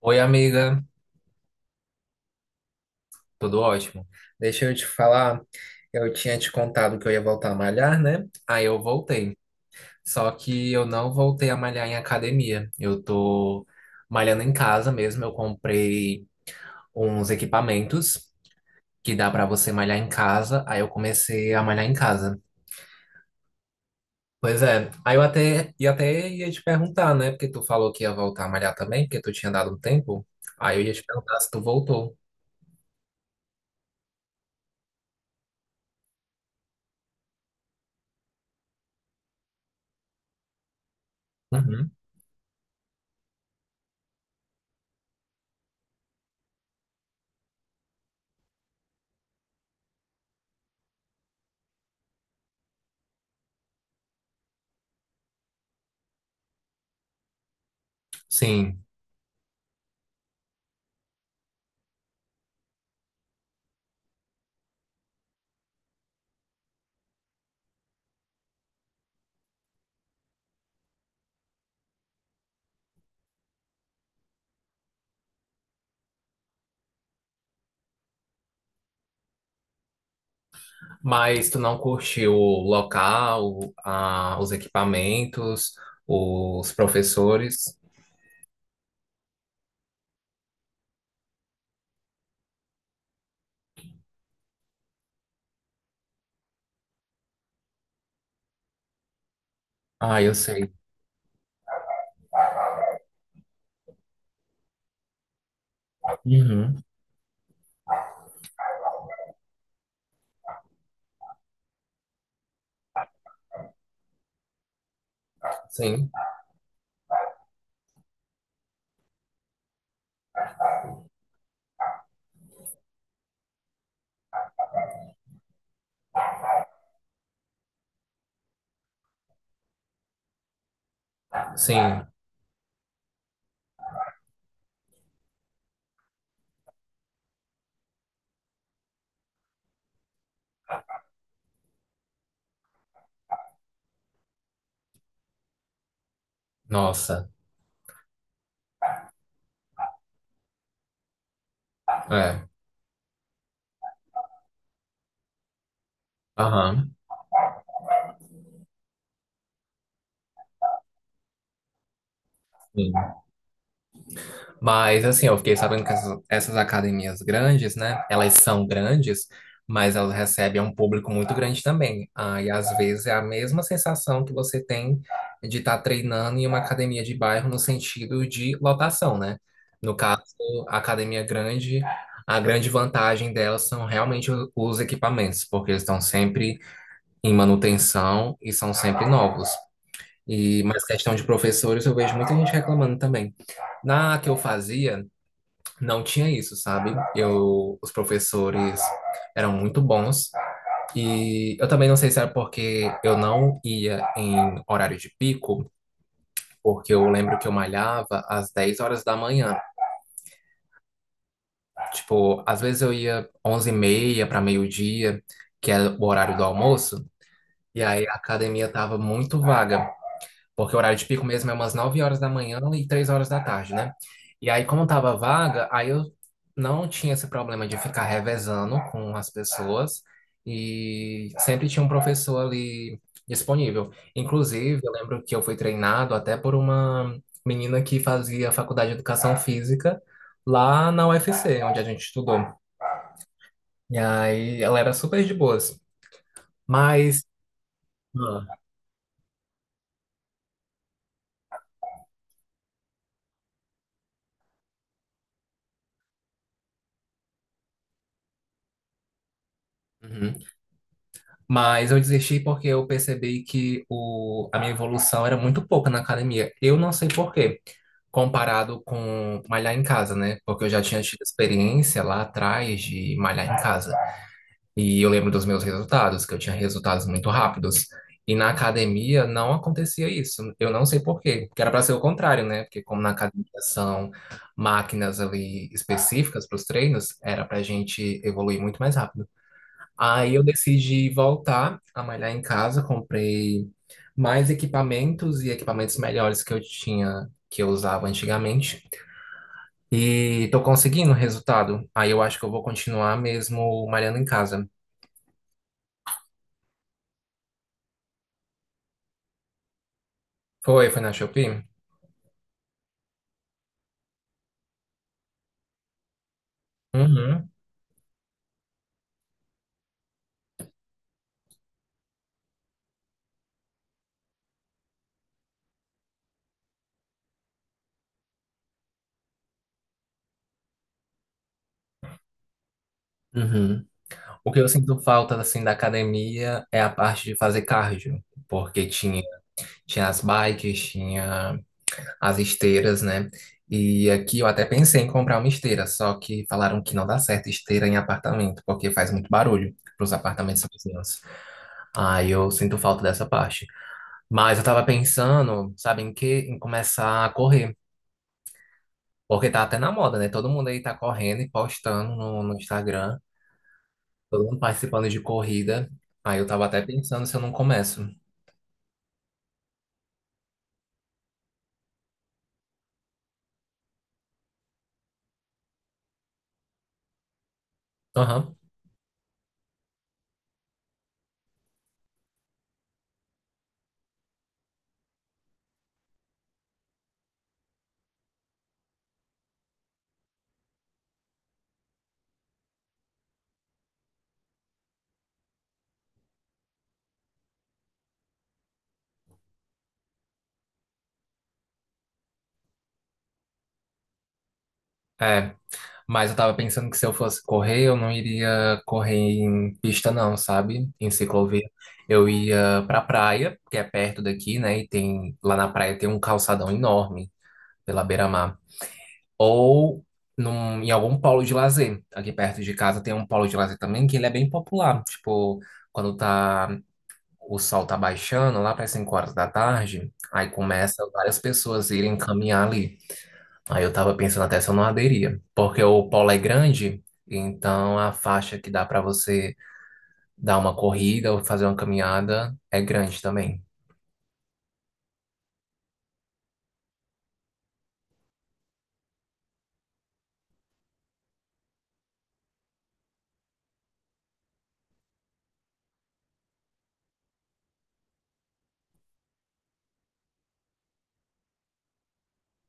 Oi, amiga, tudo ótimo? Deixa eu te falar, eu tinha te contado que eu ia voltar a malhar, né? Aí eu voltei. Só que eu não voltei a malhar em academia. Eu tô malhando em casa mesmo. Eu comprei uns equipamentos que dá pra você malhar em casa. Aí eu comecei a malhar em casa. Pois é, aí eu até, e até ia te perguntar, né? Porque tu falou que ia voltar a malhar também, porque tu tinha dado um tempo. Aí eu ia te perguntar se tu voltou. Uhum. Sim. Mas tu não curtiu o local, os equipamentos, os professores? Ah, eu sei. Uhum. Sim, sim. Nossa, é. Aham. Mas assim, eu fiquei sabendo que essas academias grandes, né? Elas são grandes, mas elas recebem um público muito grande também. Ah, e às vezes é a mesma sensação que você tem de estar treinando em uma academia de bairro no sentido de lotação, né? No caso, a academia grande, a grande vantagem delas são realmente os equipamentos, porque eles estão sempre em manutenção e são sempre novos. E, mas questão de professores, eu vejo muita gente reclamando também. Na que eu fazia, não tinha isso, sabe? Eu, os professores eram muito bons. E eu também não sei se era porque eu não ia em horário de pico, porque eu lembro que eu malhava às 10 horas da manhã. Tipo, às vezes eu ia 11h30 para meio-dia, que é o horário do almoço, e aí a academia tava muito vaga. Porque o horário de pico mesmo é umas 9 horas da manhã e 3 horas da tarde, né? E aí, como tava vaga, aí eu não tinha esse problema de ficar revezando com as pessoas e sempre tinha um professor ali disponível. Inclusive, eu lembro que eu fui treinado até por uma menina que fazia faculdade de educação física lá na UFC, onde a gente estudou. E aí, ela era super de boas. Mas. Ah. Uhum. Mas eu desisti porque eu percebi que a minha evolução era muito pouca na academia. Eu não sei por quê, comparado com malhar em casa, né? Porque eu já tinha tido experiência lá atrás de malhar em casa. E eu lembro dos meus resultados, que eu tinha resultados muito rápidos. E na academia não acontecia isso. Eu não sei por quê. Que era para ser o contrário, né? Porque como na academia são máquinas ali específicas para os treinos, era para a gente evoluir muito mais rápido. Aí eu decidi voltar a malhar em casa, comprei mais equipamentos e equipamentos melhores que eu tinha, que eu usava antigamente. E tô conseguindo o resultado. Aí eu acho que eu vou continuar mesmo malhando em casa. Foi, foi na Shopee? Uhum. Uhum. O que eu sinto falta assim da academia é a parte de fazer cardio, porque tinha as bikes, tinha as esteiras, né? E aqui eu até pensei em comprar uma esteira, só que falaram que não dá certo esteira em apartamento, porque faz muito barulho para os apartamentos vizinhos. Aí eu sinto falta dessa parte. Mas eu tava pensando, sabe, em que em começar a correr, porque tá até na moda, né? Todo mundo aí tá correndo e postando no Instagram, todo mundo participando de corrida. Aí eu tava até pensando se eu não começo. Aham. É, mas eu tava pensando que se eu fosse correr, eu não iria correr em pista não, sabe? Em ciclovia. Eu ia pra praia, que é perto daqui, né? E tem lá na praia tem um calçadão enorme pela beira-mar. Ou em algum polo de lazer. Aqui perto de casa tem um polo de lazer também, que ele é bem popular. Tipo, quando o sol tá baixando, lá para 5 horas da tarde, aí começa várias pessoas irem caminhar ali. Aí eu tava pensando até se eu não aderia, porque o polo é grande, então a faixa que dá pra você dar uma corrida ou fazer uma caminhada é grande também.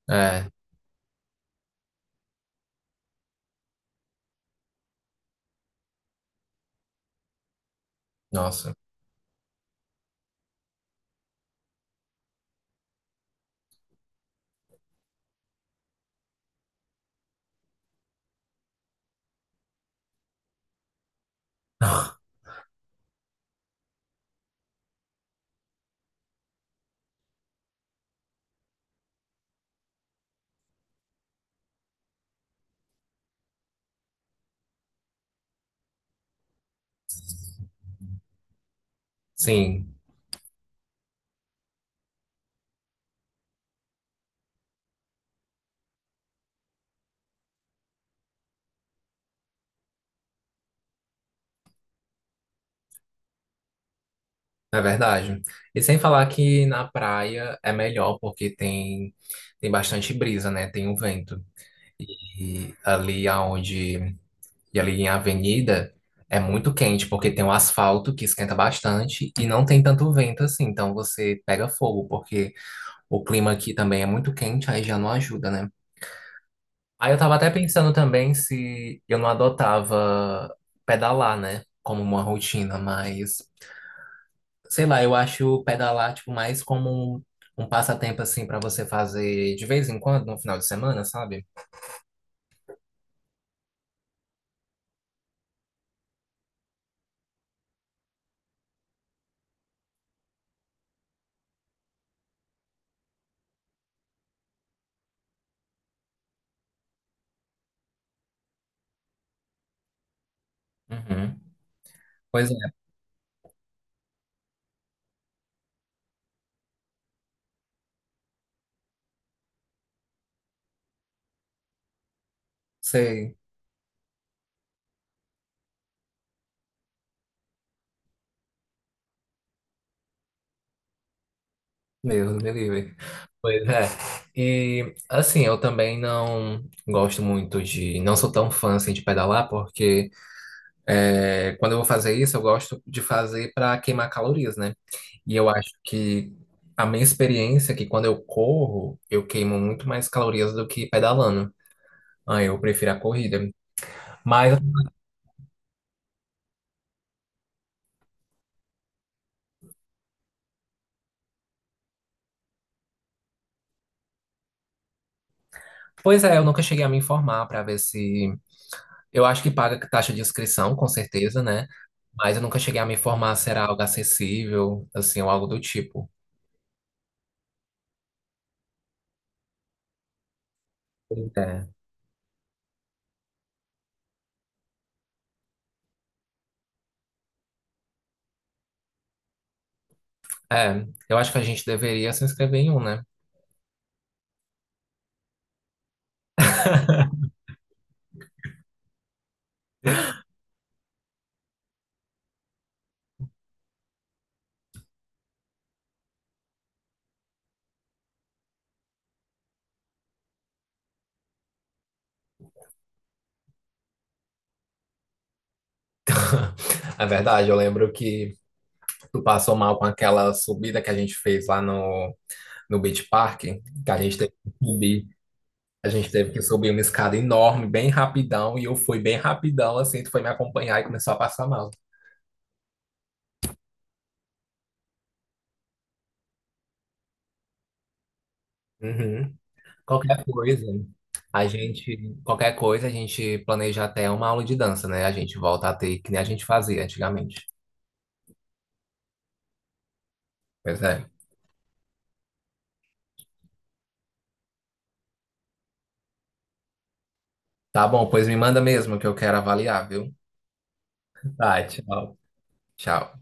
É, nossa. Sim, é verdade. E sem falar que na praia é melhor porque tem bastante brisa, né? Tem um vento. E ali aonde e ali em avenida é muito quente porque tem o asfalto que esquenta bastante e não tem tanto vento assim, então você pega fogo porque o clima aqui também é muito quente, aí já não ajuda, né? Aí eu tava até pensando também se eu não adotava pedalar, né? Como uma rotina, mas sei lá, eu acho pedalar tipo mais como um passatempo assim pra você fazer de vez em quando, no final de semana, sabe? Uhum. Pois é, sei. Deus me livre. Pois é. E assim, eu também não gosto muito não sou tão fã assim de pedalar porque é, quando eu vou fazer isso, eu gosto de fazer para queimar calorias, né? E eu acho que a minha experiência é que quando eu corro, eu queimo muito mais calorias do que pedalando. Ah, eu prefiro a corrida. Mas, pois é, eu nunca cheguei a me informar para ver se. Eu acho que paga taxa de inscrição, com certeza, né? Mas eu nunca cheguei a me informar se era algo acessível, assim, ou algo do tipo. Pois é. É, eu acho que a gente deveria se inscrever em um, né? É verdade, eu lembro que tu passou mal com aquela subida que a gente fez lá no Beach Park, que a gente teve que subir. A gente teve que subir uma escada enorme, bem rapidão, e eu fui bem rapidão, assim, tu foi me acompanhar e começou a passar mal. Uhum. Qualquer coisa, qualquer coisa, a gente planeja até uma aula de dança, né? A gente volta a ter, que nem a gente fazia antigamente. Pois é. Tá bom, pois me manda mesmo que eu quero avaliar, viu? Tá, tchau. Tchau.